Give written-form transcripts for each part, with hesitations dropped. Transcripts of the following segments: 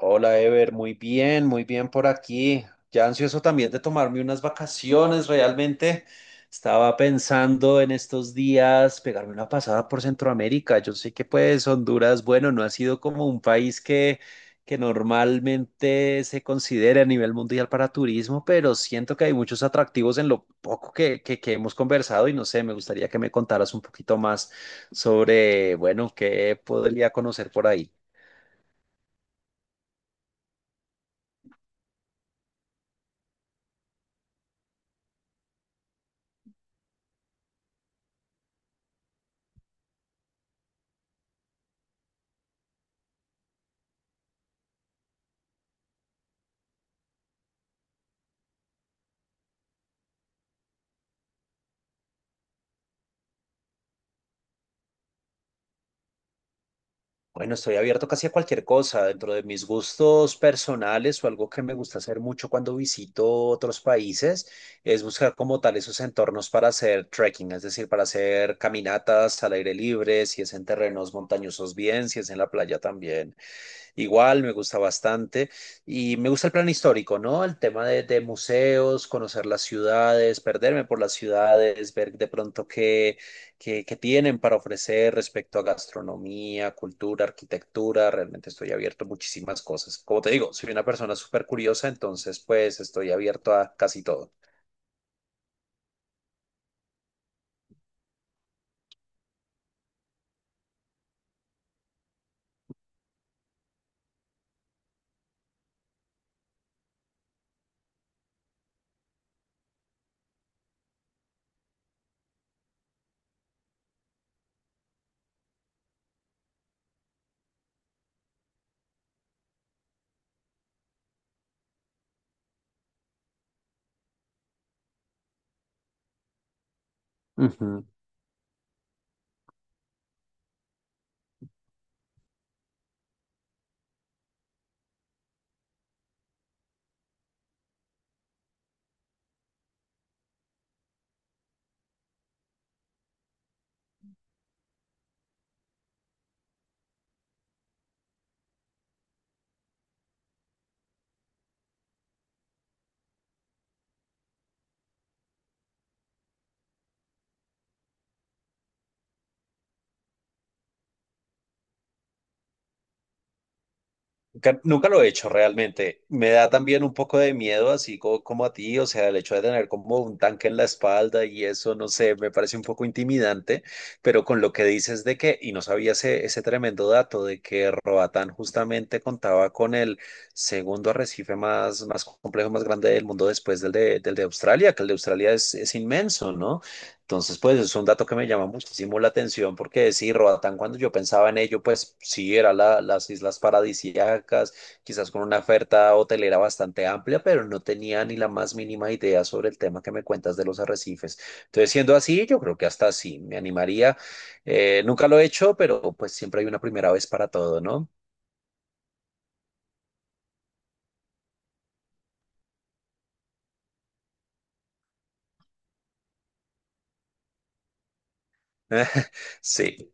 Hola Ever, muy bien por aquí. Ya ansioso también de tomarme unas vacaciones, realmente. Estaba pensando en estos días pegarme una pasada por Centroamérica. Yo sé que pues Honduras, bueno, no ha sido como un país que normalmente se considere a nivel mundial para turismo, pero siento que hay muchos atractivos en lo poco que hemos conversado y no sé, me gustaría que me contaras un poquito más sobre, bueno, qué podría conocer por ahí. Bueno, estoy abierto casi a cualquier cosa. Dentro de mis gustos personales o algo que me gusta hacer mucho cuando visito otros países es buscar como tal esos entornos para hacer trekking, es decir, para hacer caminatas al aire libre, si es en terrenos montañosos bien, si es en la playa también. Igual me gusta bastante y me gusta el plan histórico, ¿no? El tema de museos, conocer las ciudades, perderme por las ciudades, ver de pronto qué que tienen para ofrecer respecto a gastronomía, cultura, arquitectura. Realmente estoy abierto a muchísimas cosas. Como te digo, soy una persona súper curiosa, entonces pues estoy abierto a casi todo. Ujú. Nunca, nunca lo he hecho realmente. Me da también un poco de miedo, así como, a ti, o sea, el hecho de tener como un tanque en la espalda y eso, no sé, me parece un poco intimidante, pero con lo que dices de que, y no sabía ese tremendo dato de que Roatán justamente contaba con el segundo arrecife más complejo, más grande del mundo después del de Australia, que el de Australia es inmenso, ¿no? Entonces, pues es un dato que me llama muchísimo la atención porque sí, Roatán, cuando yo pensaba en ello, pues sí, era las islas paradisíacas, quizás con una oferta hotelera bastante amplia, pero no tenía ni la más mínima idea sobre el tema que me cuentas de los arrecifes. Entonces, siendo así, yo creo que hasta sí, me animaría. Nunca lo he hecho, pero pues siempre hay una primera vez para todo, ¿no? Sí.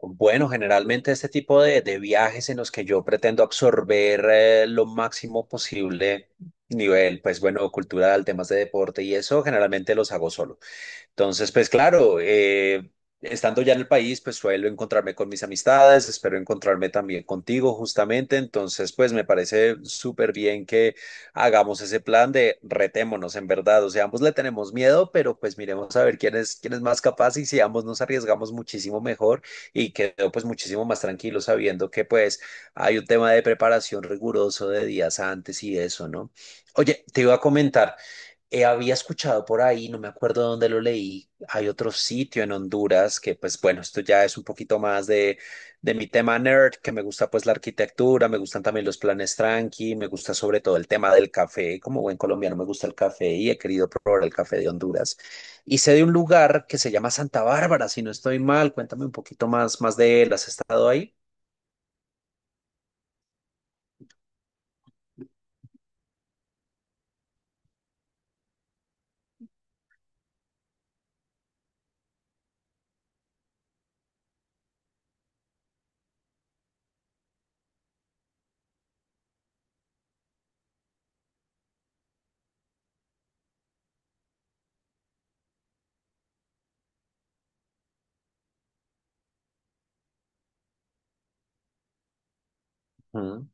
Bueno, generalmente este tipo de viajes en los que yo pretendo absorber lo máximo posible nivel, pues bueno, cultural, temas de deporte y eso, generalmente los hago solo. Entonces, pues claro, estando ya en el país, pues suelo encontrarme con mis amistades, espero encontrarme también contigo justamente. Entonces, pues me parece súper bien que hagamos ese plan de retémonos en verdad. O sea, ambos le tenemos miedo, pero pues miremos a ver quién es más capaz y si ambos nos arriesgamos muchísimo mejor y quedo pues muchísimo más tranquilo sabiendo que pues hay un tema de preparación riguroso de días antes y eso, ¿no? Oye, te iba a comentar. Había escuchado por ahí, no me acuerdo dónde lo leí, hay otro sitio en Honduras que pues bueno, esto ya es un poquito más de mi tema nerd, que me gusta pues la arquitectura, me gustan también los planes tranqui, me gusta sobre todo el tema del café, como buen colombiano me gusta el café y he querido probar el café de Honduras. Y sé de un lugar que se llama Santa Bárbara, si no estoy mal, cuéntame un poquito más, más de él, ¿has estado ahí? Ujú.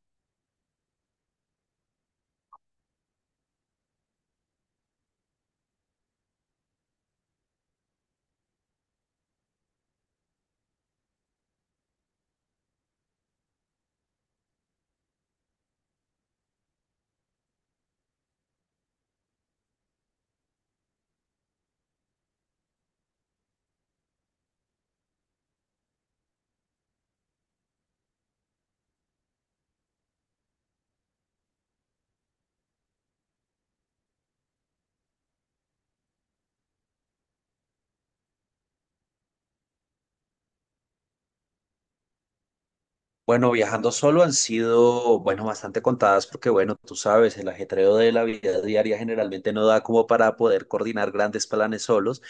Bueno, viajando solo han sido, bueno, bastante contadas porque, bueno, tú sabes, el ajetreo de la vida diaria generalmente no da como para poder coordinar grandes planes solos.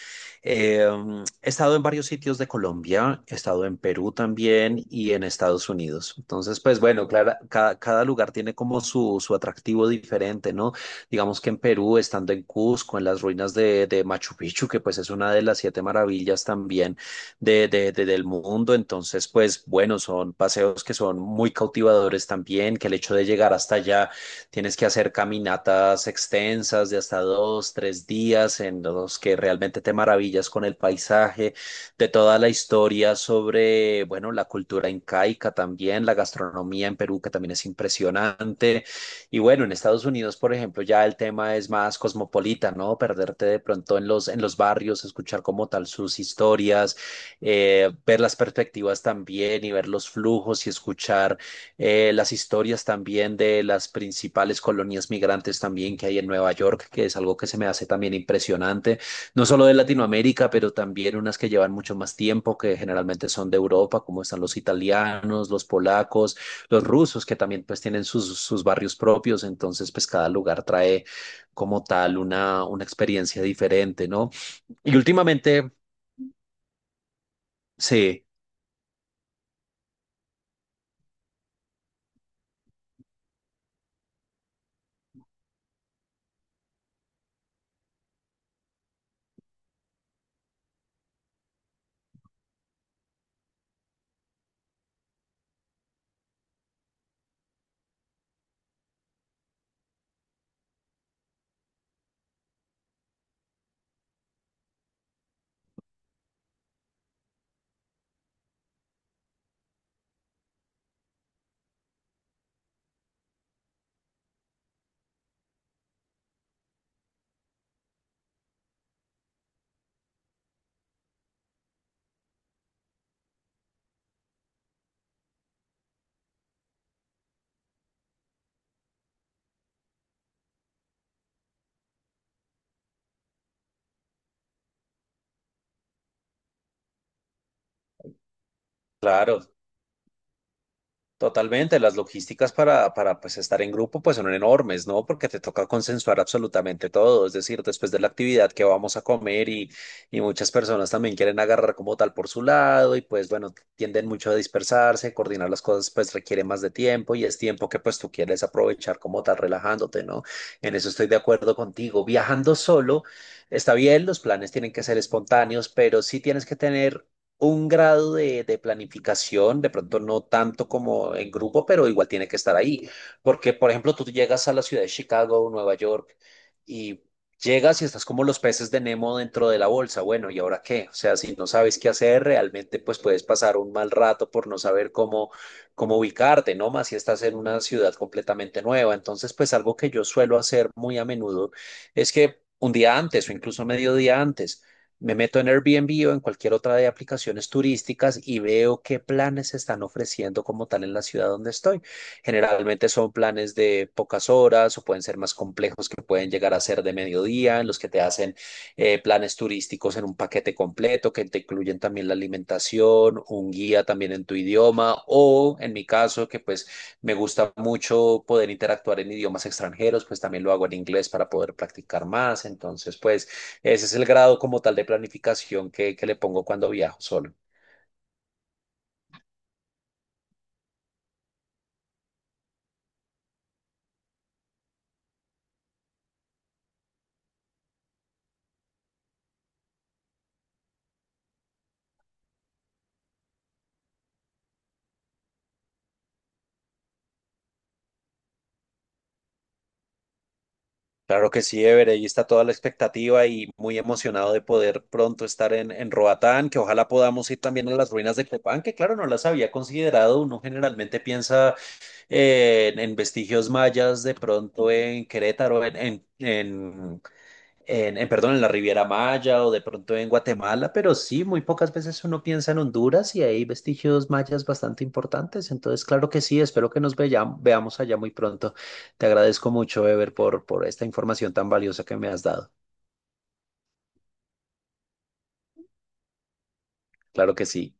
He estado en varios sitios de Colombia, he estado en Perú también y en Estados Unidos. Entonces, pues bueno, claro, cada lugar tiene como su atractivo diferente, ¿no? Digamos que en Perú, estando en Cusco, en las ruinas de Machu Picchu, que pues es una de las siete maravillas también del mundo. Entonces, pues bueno, son paseos que son muy cautivadores también, que el hecho de llegar hasta allá tienes que hacer caminatas extensas de hasta dos, tres días en los que realmente te maravillas con el paisaje, de toda la historia sobre, bueno, la cultura incaica también, la gastronomía en Perú, que también es impresionante. Y bueno, en Estados Unidos, por ejemplo, ya el tema es más cosmopolita, ¿no? Perderte de pronto en los barrios, escuchar como tal sus historias ver las perspectivas también y ver los flujos y escuchar las historias también de las principales colonias migrantes también que hay en Nueva York, que es algo que se me hace también impresionante, no solo de Latinoamérica, pero también unas que llevan mucho más tiempo, que generalmente son de Europa, como están los italianos, los polacos, los rusos, que también pues tienen sus, sus barrios propios, entonces pues cada lugar trae como tal una experiencia diferente, ¿no? Y últimamente... Sí, claro, totalmente. Las logísticas para pues, estar en grupo pues son enormes, ¿no? Porque te toca consensuar absolutamente todo. Es decir, después de la actividad que vamos a comer y muchas personas también quieren agarrar como tal por su lado y pues bueno, tienden mucho a dispersarse, coordinar las cosas pues requiere más de tiempo y es tiempo que pues tú quieres aprovechar como tal relajándote, ¿no? En eso estoy de acuerdo contigo. Viajando solo, está bien, los planes tienen que ser espontáneos, pero sí tienes que tener un grado de planificación, de pronto no tanto como en grupo, pero igual tiene que estar ahí. Porque, por ejemplo, tú llegas a la ciudad de Chicago, o Nueva York, y llegas y estás como los peces de Nemo dentro de la bolsa. Bueno, ¿y ahora qué? O sea, si no sabes qué hacer, realmente pues puedes pasar un mal rato por no saber cómo ubicarte, ¿no? Más si estás en una ciudad completamente nueva. Entonces, pues algo que yo suelo hacer muy a menudo es que... Un día antes o incluso medio día antes, me meto en Airbnb o en cualquier otra de aplicaciones turísticas y veo qué planes se están ofreciendo como tal en la ciudad donde estoy. Generalmente son planes de pocas horas o pueden ser más complejos que pueden llegar a ser de mediodía, en los que te hacen planes turísticos en un paquete completo que te incluyen también la alimentación, un guía también en tu idioma o en mi caso que pues me gusta mucho poder interactuar en idiomas extranjeros, pues también lo hago en inglés para poder practicar más. Entonces, pues... Ese es el grado como tal de planificación que le pongo cuando viajo solo. Claro que sí, Ever, ahí está toda la expectativa y muy emocionado de poder pronto estar en Roatán, que ojalá podamos ir también a las ruinas de Copán, que claro, no las había considerado. Uno generalmente piensa en vestigios mayas, de pronto en Querétaro, perdón, en la Riviera Maya o de pronto en Guatemala, pero sí, muy pocas veces uno piensa en Honduras y hay vestigios mayas bastante importantes. Entonces, claro que sí, espero que nos veamos allá muy pronto. Te agradezco mucho, Ever, por esta información tan valiosa que me has dado. Claro que sí.